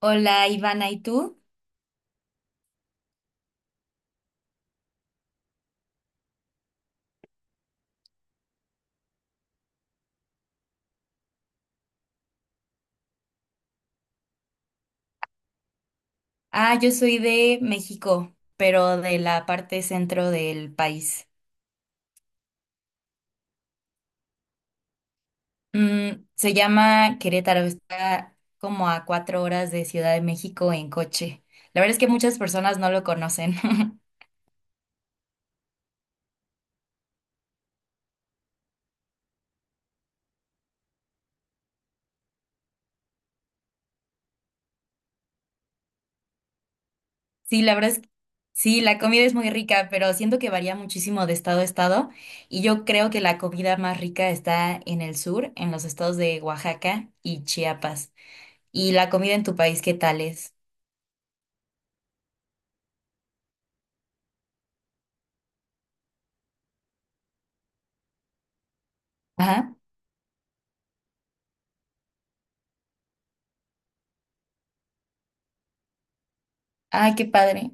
Hola Ivana, ¿y tú? Ah, yo soy de México, pero de la parte centro del país. Se llama Querétaro, está como a 4 horas de Ciudad de México en coche. La verdad es que muchas personas no lo conocen. Sí, la verdad es que sí, la comida es muy rica, pero siento que varía muchísimo de estado a estado. Y yo creo que la comida más rica está en el sur, en los estados de Oaxaca y Chiapas. ¿Y la comida en tu país qué tal es? Ajá. Ay, qué padre.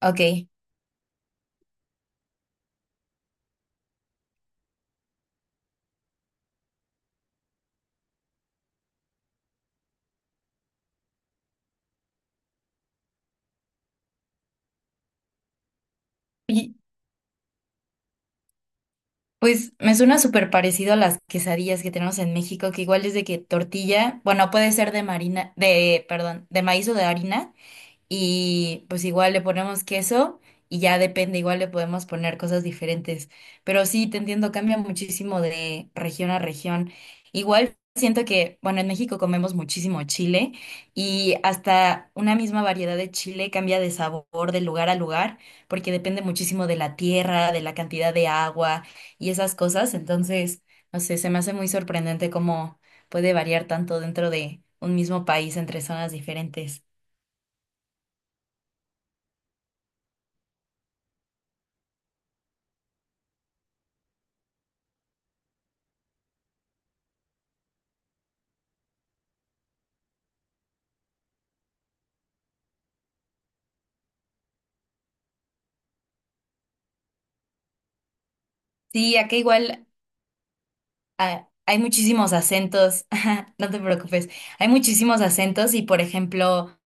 Ok. Y pues me suena súper parecido a las quesadillas que tenemos en México, que igual es de que tortilla, bueno, puede ser de marina, de, perdón, de maíz o de harina, y pues igual le ponemos queso y ya depende, igual le podemos poner cosas diferentes. Pero sí, te entiendo, cambia muchísimo de región a región. Igual siento que, bueno, en México comemos muchísimo chile y hasta una misma variedad de chile cambia de sabor de lugar a lugar porque depende muchísimo de la tierra, de la cantidad de agua y esas cosas. Entonces, no sé, se me hace muy sorprendente cómo puede variar tanto dentro de un mismo país entre zonas diferentes. Sí, acá igual. Ah, hay muchísimos acentos, no te preocupes, hay muchísimos acentos y por ejemplo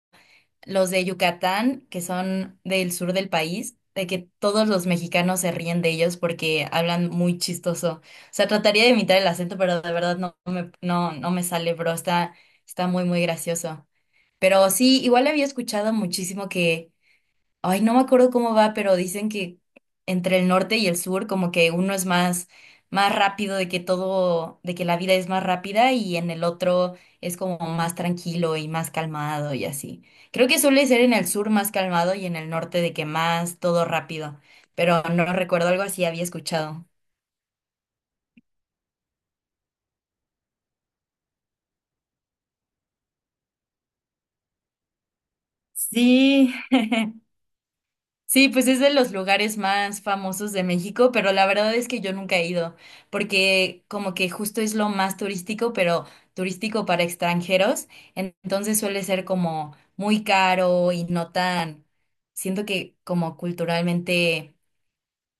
los de Yucatán, que son del sur del país, de que todos los mexicanos se ríen de ellos porque hablan muy chistoso. O sea, trataría de imitar el acento, pero de verdad no, no me sale, bro, está muy, muy gracioso. Pero sí, igual había escuchado muchísimo que ay, no me acuerdo cómo va, pero dicen que entre el norte y el sur, como que uno es más, más rápido, de que todo, de que la vida es más rápida y en el otro es como más tranquilo y más calmado y así. Creo que suele ser en el sur más calmado y en el norte de que más todo rápido, pero no recuerdo algo así, había escuchado. Sí. Sí, pues es de los lugares más famosos de México, pero la verdad es que yo nunca he ido, porque como que justo es lo más turístico, pero turístico para extranjeros, entonces suele ser como muy caro y no tan, siento que como culturalmente,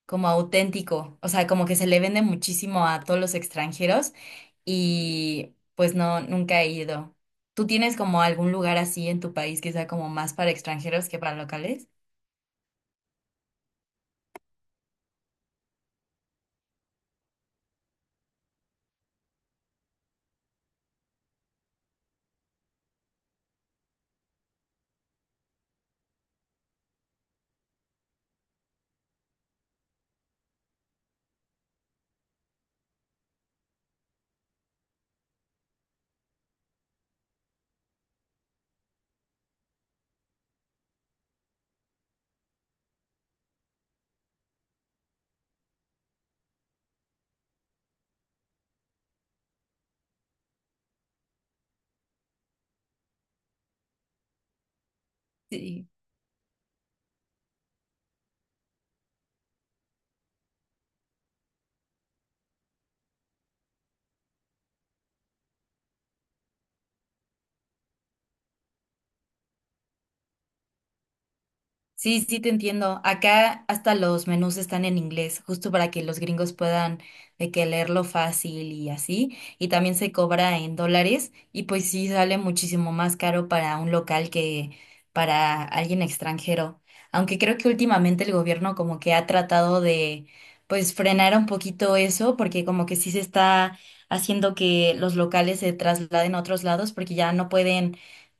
como auténtico, o sea, como que se le vende muchísimo a todos los extranjeros y pues no, nunca he ido. ¿Tú tienes como algún lugar así en tu país que sea como más para extranjeros que para locales? Sí. Sí, sí, te entiendo. Acá hasta los menús están en inglés, justo para que los gringos puedan de que leerlo fácil y así. Y también se cobra en dólares y pues sí sale muchísimo más caro para un local que para alguien extranjero. Aunque creo que últimamente el gobierno como que ha tratado de pues frenar un poquito eso porque como que sí se está haciendo que los locales se trasladen a otros lados porque ya no pueden,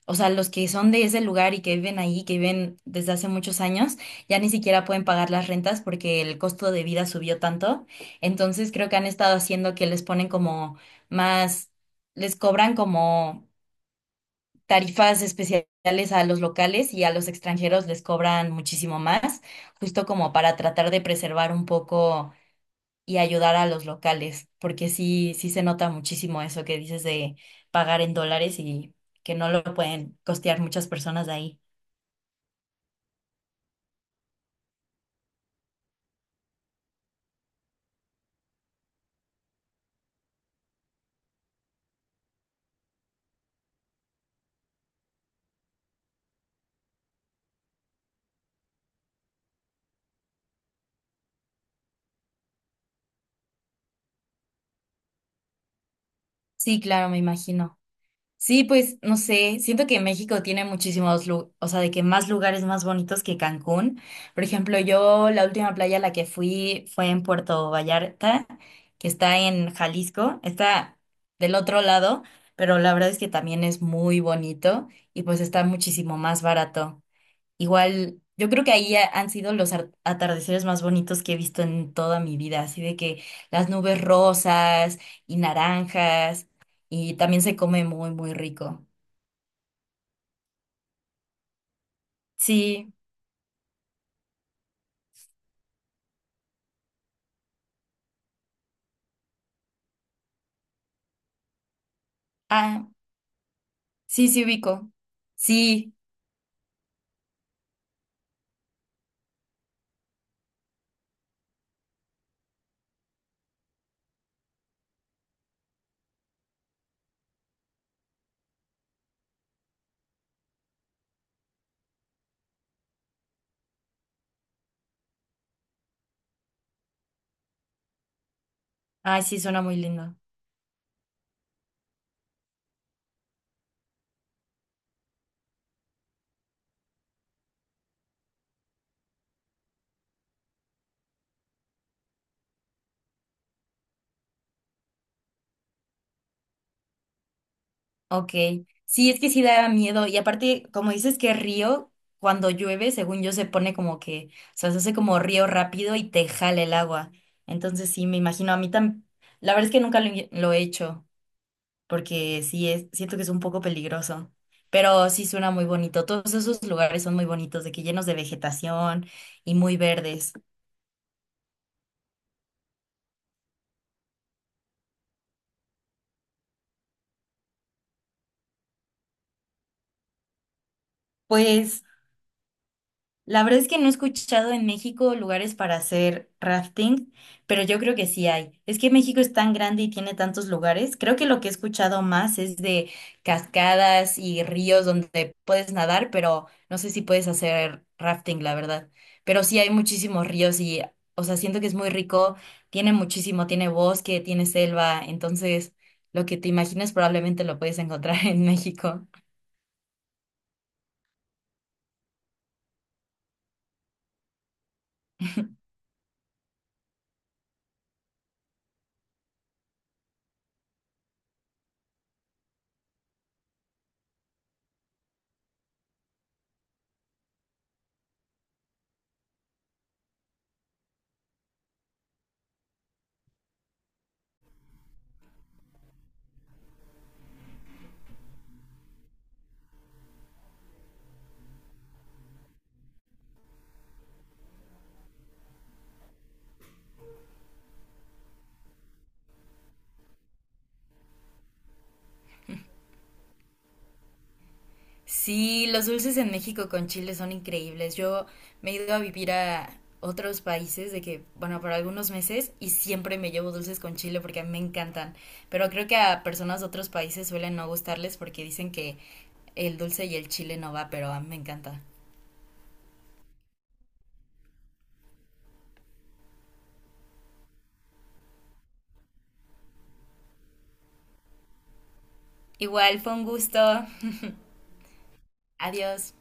o sea, los que son de ese lugar y que viven ahí, que viven desde hace muchos años, ya ni siquiera pueden pagar las rentas porque el costo de vida subió tanto. Entonces creo que han estado haciendo que les ponen como más, les cobran como tarifas especiales a los locales y a los extranjeros les cobran muchísimo más, justo como para tratar de preservar un poco y ayudar a los locales, porque sí, sí se nota muchísimo eso que dices de pagar en dólares y que no lo pueden costear muchas personas de ahí. Sí, claro, me imagino. Sí, pues no sé, siento que México tiene muchísimos, o sea, de que más lugares más bonitos que Cancún. Por ejemplo, yo la última playa a la que fui fue en Puerto Vallarta, que está en Jalisco, está del otro lado, pero la verdad es que también es muy bonito y pues está muchísimo más barato. Igual, yo creo que ahí han sido los atardeceres más bonitos que he visto en toda mi vida, así de que las nubes rosas y naranjas, y también se come muy, muy rico. Sí, ah, sí, sí ubico. Sí, ay, sí, suena muy lindo. Ok, sí, es que sí da miedo, y aparte, como dices que río, cuando llueve, según yo, se pone como que, o sea, se hace como río rápido y te jala el agua. Entonces, sí, me imagino, a mí también, la verdad es que nunca lo he hecho, porque sí es, siento que es un poco peligroso, pero sí suena muy bonito. Todos esos lugares son muy bonitos, de que llenos de vegetación y muy verdes. Pues la verdad es que no he escuchado en México lugares para hacer rafting, pero yo creo que sí hay. Es que México es tan grande y tiene tantos lugares. Creo que lo que he escuchado más es de cascadas y ríos donde puedes nadar, pero no sé si puedes hacer rafting, la verdad. Pero sí hay muchísimos ríos y, o sea, siento que es muy rico, tiene muchísimo, tiene bosque, tiene selva, entonces lo que te imagines probablemente lo puedes encontrar en México. Sí, los dulces en México con chile son increíbles. Yo me he ido a vivir a otros países de que, bueno, por algunos meses y siempre me llevo dulces con chile porque a mí me encantan. Pero creo que a personas de otros países suelen no gustarles porque dicen que el dulce y el chile no va, pero a mí me encanta. Igual, fue un gusto. Adiós.